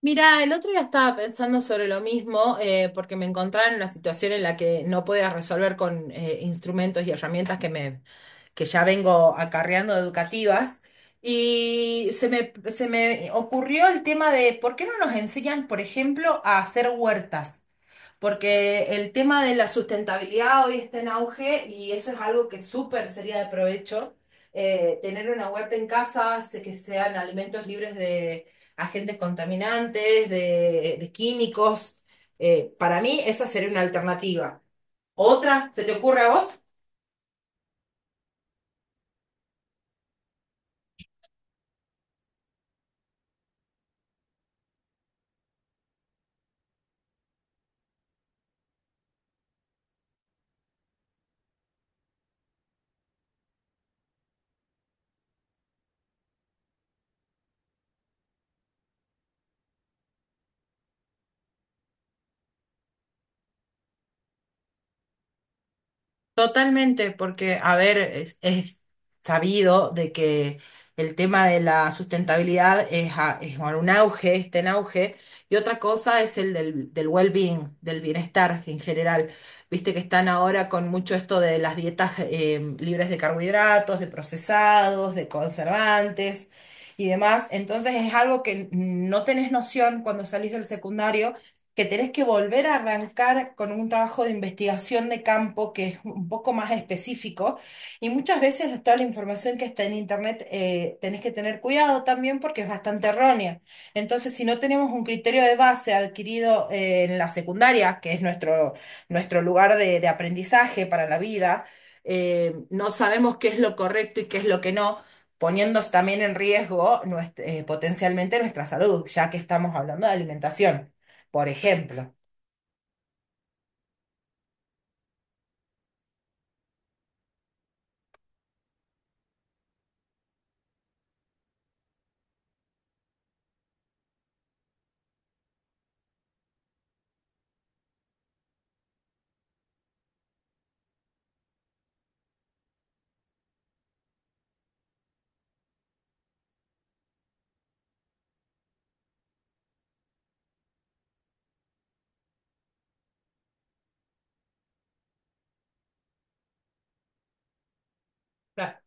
Mira, el otro día estaba pensando sobre lo mismo, porque me encontraba en una situación en la que no podía resolver con instrumentos y herramientas que ya vengo acarreando educativas. Y se me ocurrió el tema de por qué no nos enseñan, por ejemplo, a hacer huertas porque el tema de la sustentabilidad hoy está en auge y eso es algo que súper sería de provecho. Tener una huerta en casa hace que sean alimentos libres de agentes contaminantes, de químicos. Para mí esa sería una alternativa. ¿Otra? ¿Se te ocurre a vos? Totalmente, porque, a ver, es sabido de que el tema de la sustentabilidad es, es bueno, un auge, está en auge, y otra cosa es el del well-being, del bienestar en general. Viste que están ahora con mucho esto de las dietas libres de carbohidratos, de procesados, de conservantes y demás. Entonces es algo que no tenés noción cuando salís del secundario que tenés que volver a arrancar con un trabajo de investigación de campo que es un poco más específico y muchas veces toda la información que está en internet tenés que tener cuidado también porque es bastante errónea. Entonces, si no tenemos un criterio de base adquirido en la secundaria, nuestro lugar de aprendizaje para la vida, no sabemos qué es lo correcto y qué es lo que no, poniendo también en riesgo potencialmente nuestra salud, ya que estamos hablando de alimentación, por ejemplo. Claro.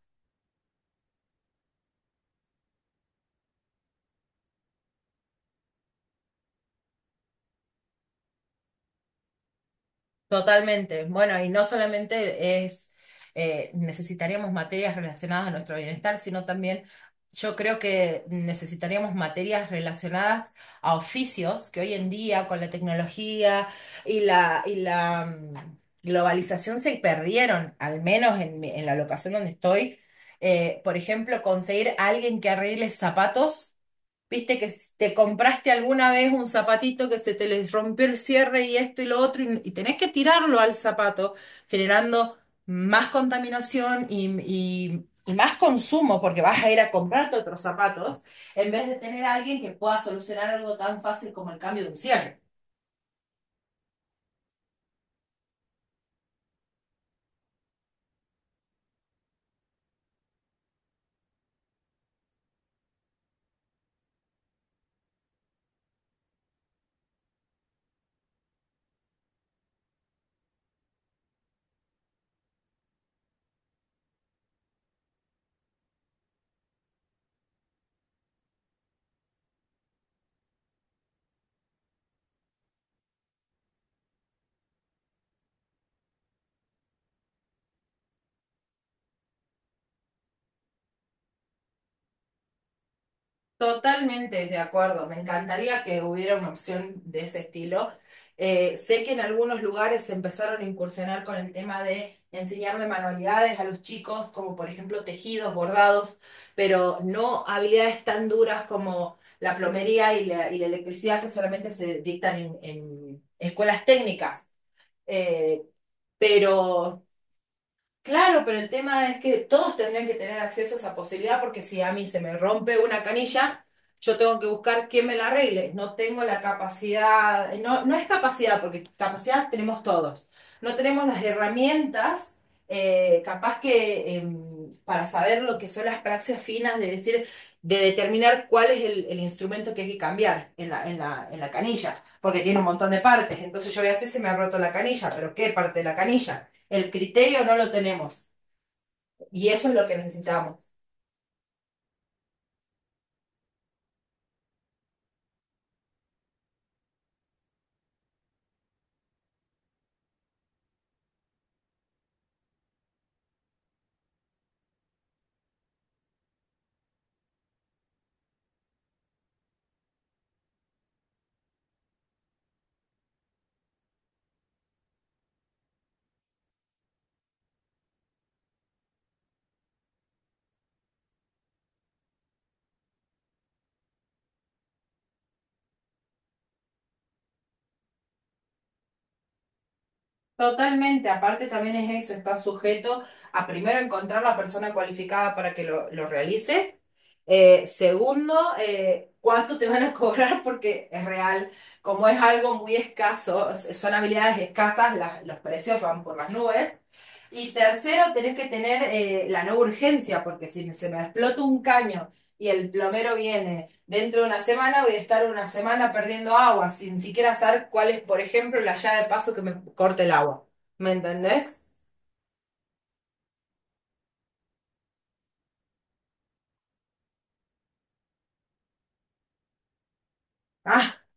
Totalmente. Bueno, y no solamente es necesitaríamos materias relacionadas a nuestro bienestar, sino también yo creo que necesitaríamos materias relacionadas a oficios que hoy en día con la tecnología y la globalización se perdieron, al menos en, en la locación donde estoy. Por ejemplo, conseguir a alguien que arregle zapatos. Viste que te compraste alguna vez un zapatito que se te les rompió el cierre y esto y lo otro y tenés que tirarlo al zapato, generando más contaminación y, y más consumo porque vas a ir a comprarte otros zapatos en vez de tener a alguien que pueda solucionar algo tan fácil como el cambio de un cierre. Totalmente de acuerdo, me encantaría que hubiera una opción de ese estilo. Sé que en algunos lugares se empezaron a incursionar con el tema de enseñarle manualidades a los chicos, como por ejemplo tejidos, bordados, pero no habilidades tan duras como la plomería y la electricidad, que solamente se dictan en escuelas técnicas. Eh, pero claro, pero el tema es que todos tendrían que tener acceso a esa posibilidad porque si a mí se me rompe una canilla, yo tengo que buscar quién me la arregle. No tengo la capacidad, no, no es capacidad, porque capacidad tenemos todos. No tenemos las herramientas, capaz que para saber lo que son las praxias finas, de decir, de determinar cuál es el instrumento que hay que cambiar en en la canilla, porque tiene un montón de partes. Entonces yo voy a decir, se me ha roto la canilla, pero ¿qué parte de la canilla? El criterio no lo tenemos, y eso es lo que necesitamos. Totalmente, aparte también es eso, está sujeto a primero encontrar la persona cualificada para que lo realice, segundo, cuánto te van a cobrar porque es real, como es algo muy escaso, son habilidades escasas, los precios van por las nubes. Y tercero, tenés que tener la no urgencia, porque si se me explota un caño y el plomero viene dentro de una semana, voy a estar una semana perdiendo agua, sin siquiera saber cuál es, por ejemplo, la llave de paso que me corta el agua. ¿Me entendés?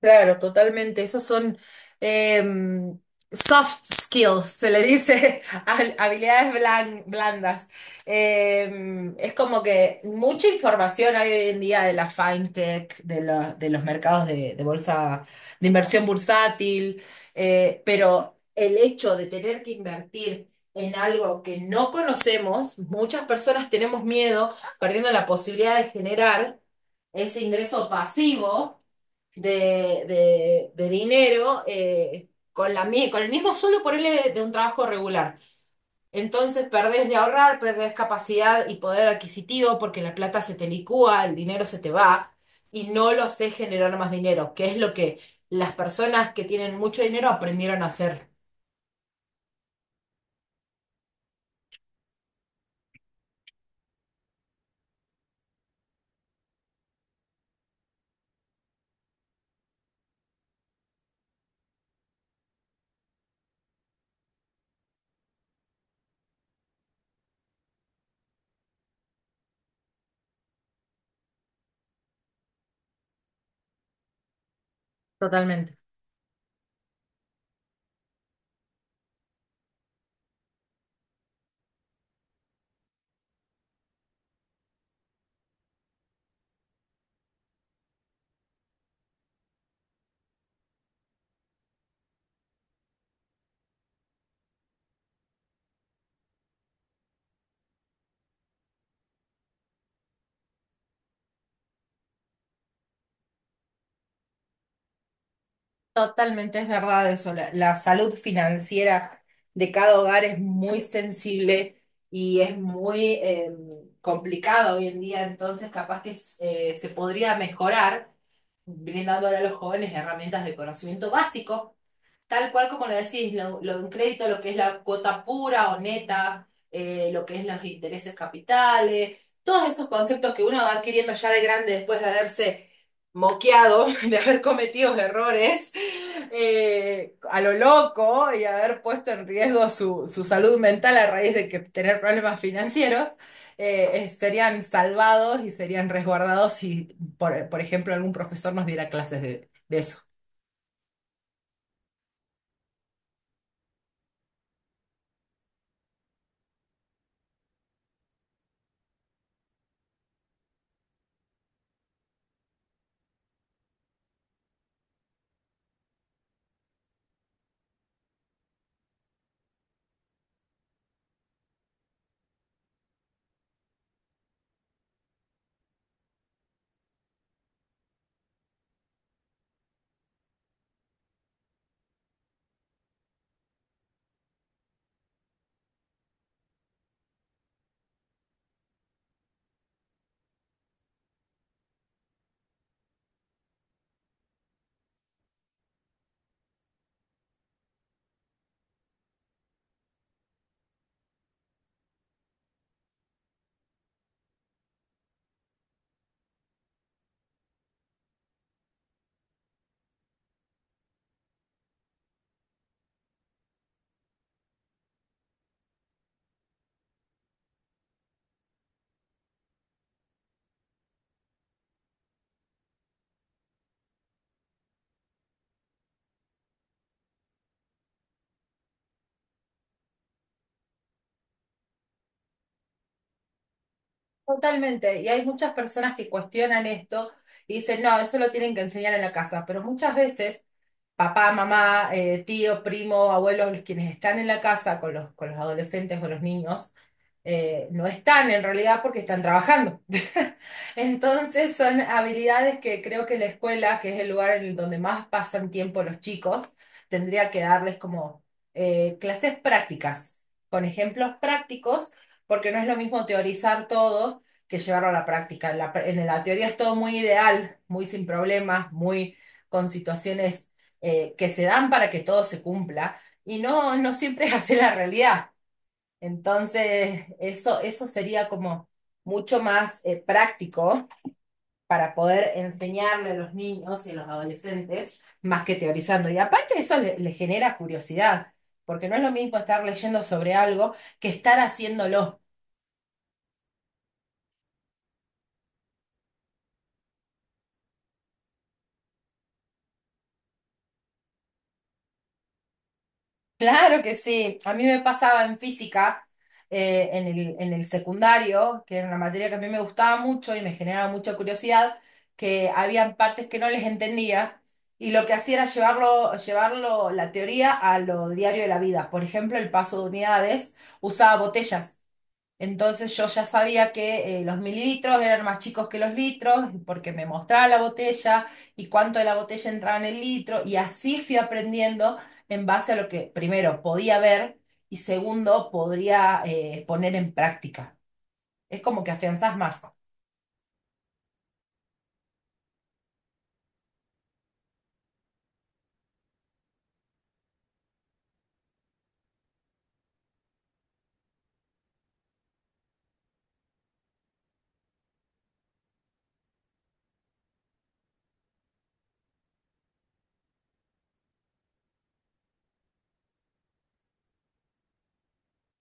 Claro, totalmente. Esos son em, soft skills, se le dice, habilidades blandas. Em, es como que mucha información hay hoy en día de la fintech, de los mercados de bolsa, de inversión bursátil, pero el hecho de tener que invertir en algo que no conocemos, muchas personas tenemos miedo, perdiendo la posibilidad de generar ese ingreso pasivo de, de dinero con con el mismo sueldo por él de un trabajo regular. Entonces perdés de ahorrar, perdés capacidad y poder adquisitivo porque la plata se te licúa, el dinero se te va y no lo sé generar más dinero, que es lo que las personas que tienen mucho dinero aprendieron a hacer. Totalmente. Totalmente es verdad eso. La salud financiera de cada hogar es muy sensible y es muy complicada hoy en día. Entonces, capaz que se podría mejorar brindándole a los jóvenes herramientas de conocimiento básico tal cual como lo decís, lo de un crédito, lo que es la cuota pura o neta, lo que es los intereses capitales, todos esos conceptos que uno va adquiriendo ya de grande después de haberse moqueado, de haber cometido errores a lo loco y haber puesto en riesgo su, su salud mental a raíz de que tener problemas financieros. Serían salvados y serían resguardados si, por ejemplo, algún profesor nos diera clases de eso. Totalmente, y hay muchas personas que cuestionan esto y dicen, no, eso lo tienen que enseñar en la casa, pero muchas veces papá, mamá, tío, primo, abuelos, quienes están en la casa con los adolescentes o los niños, no están en realidad porque están trabajando. Entonces son habilidades que creo que la escuela, que es el lugar en el donde más pasan tiempo los chicos, tendría que darles como clases prácticas, con ejemplos prácticos, porque no es lo mismo teorizar todo que llevarlo a la práctica. En la, en la teoría es todo muy ideal, muy sin problemas, muy con situaciones que se dan para que todo se cumpla y no, no siempre es así la realidad. Entonces, eso sería como mucho más práctico para poder enseñarle a los niños y a los adolescentes más que teorizando. Y aparte eso le genera curiosidad, porque no es lo mismo estar leyendo sobre algo que estar haciéndolo. Claro que sí. A mí me pasaba en física, en en el secundario, que era una materia que a mí me gustaba mucho y me generaba mucha curiosidad, que había partes que no les entendía y lo que hacía era llevarlo la teoría a lo diario de la vida. Por ejemplo, el paso de unidades usaba botellas. Entonces yo ya sabía que los mililitros eran más chicos que los litros porque me mostraba la botella y cuánto de la botella entraba en el litro y así fui aprendiendo en base a lo que primero podía ver y segundo podría poner en práctica. Es como que afianzás más.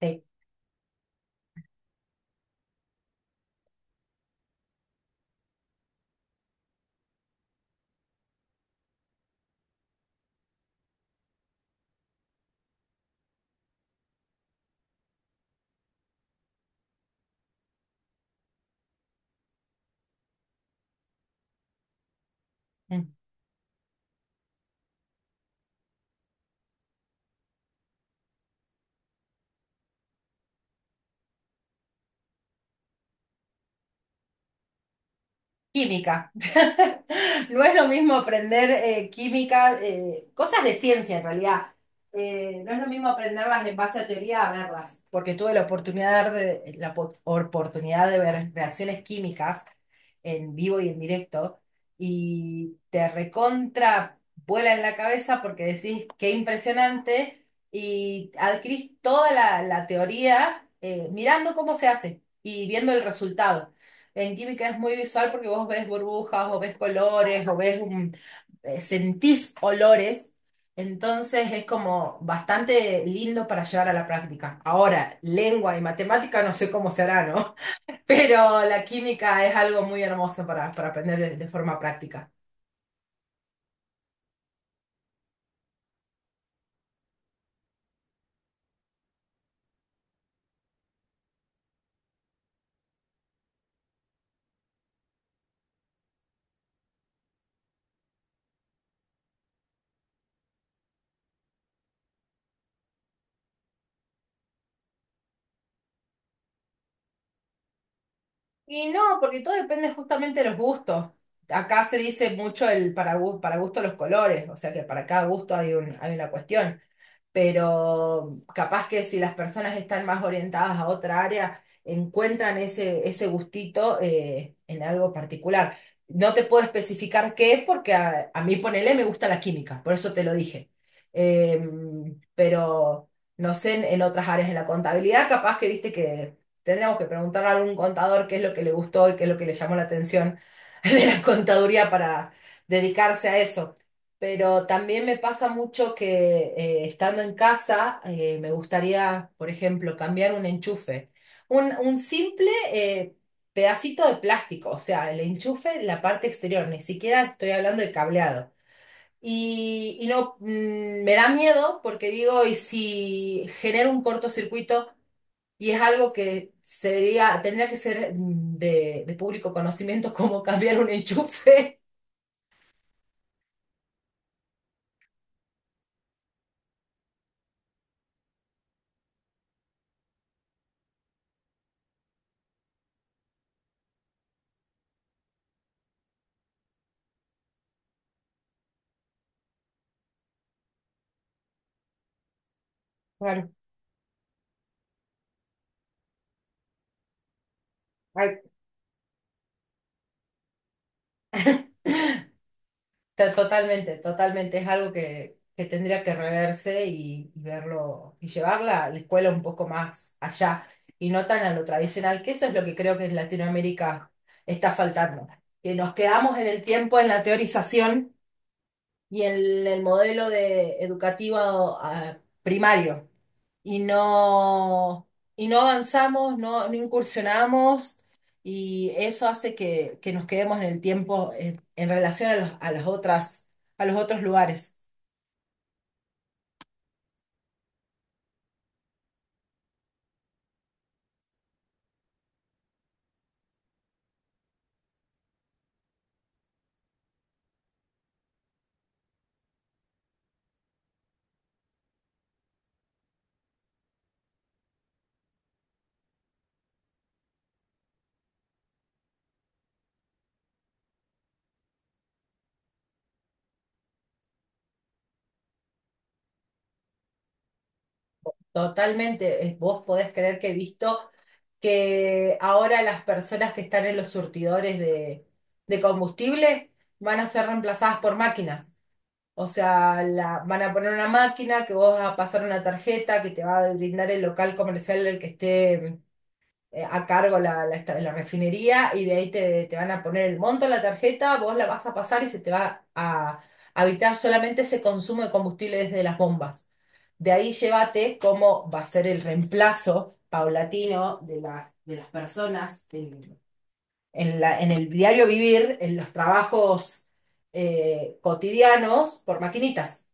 Sí. Química. No es lo mismo aprender química, cosas de ciencia en realidad. No es lo mismo aprenderlas en base a teoría a verlas, porque tuve la oportunidad de la oportunidad de ver reacciones químicas en vivo y en directo y te recontra vuela en la cabeza porque decís qué impresionante y adquirís toda la teoría mirando cómo se hace y viendo el resultado. En química es muy visual porque vos ves burbujas o ves colores o ves sentís olores, entonces es como bastante lindo para llevar a la práctica. Ahora, lengua y matemática no sé cómo será, ¿no? Pero la química es algo muy hermoso para aprender de forma práctica. Y no, porque todo depende justamente de los gustos. Acá se dice mucho el para, para gusto los colores, o sea que para cada gusto hay un, hay una cuestión. Pero capaz que si las personas están más orientadas a otra área, encuentran ese gustito en algo particular. No te puedo especificar qué es porque a mí, ponele, me gusta la química, por eso te lo dije. Eh, pero no sé, en otras áreas de la contabilidad, capaz que viste que tendríamos que preguntarle a algún contador qué es lo que le gustó y qué es lo que le llamó la atención de la contaduría para dedicarse a eso. Pero también me pasa mucho que estando en casa me gustaría, por ejemplo, cambiar un enchufe. Un simple eh, pedacito de plástico, o sea, el enchufe, la parte exterior, ni siquiera estoy hablando de cableado. Y no, me da miedo porque digo, ¿y si genera un cortocircuito y es algo que sería, tendría que ser de público conocimiento como cambiar un enchufe? Claro. Totalmente, totalmente. Es algo que tendría que reverse y verlo y llevarla a la escuela un poco más allá y no tan a lo tradicional, que eso es lo que creo que en Latinoamérica está faltando. Que nos quedamos en el tiempo, en la teorización y en el modelo de educativo primario. Y no, y no avanzamos, no, no incursionamos, y eso hace que nos quedemos en el tiempo en relación a a las otras, a los otros lugares. Totalmente, vos podés creer que he visto que ahora las personas que están en los surtidores de combustible van a ser reemplazadas por máquinas. O sea, van a poner una máquina que vos vas a pasar una tarjeta que te va a brindar el local comercial del que esté a cargo la refinería y de ahí te van a poner el monto en la tarjeta, vos la vas a pasar y se te va a habitar solamente ese consumo de combustible desde las bombas. De ahí llévate cómo va a ser el reemplazo paulatino de las personas en la, en el diario vivir, en los trabajos cotidianos por maquinitas.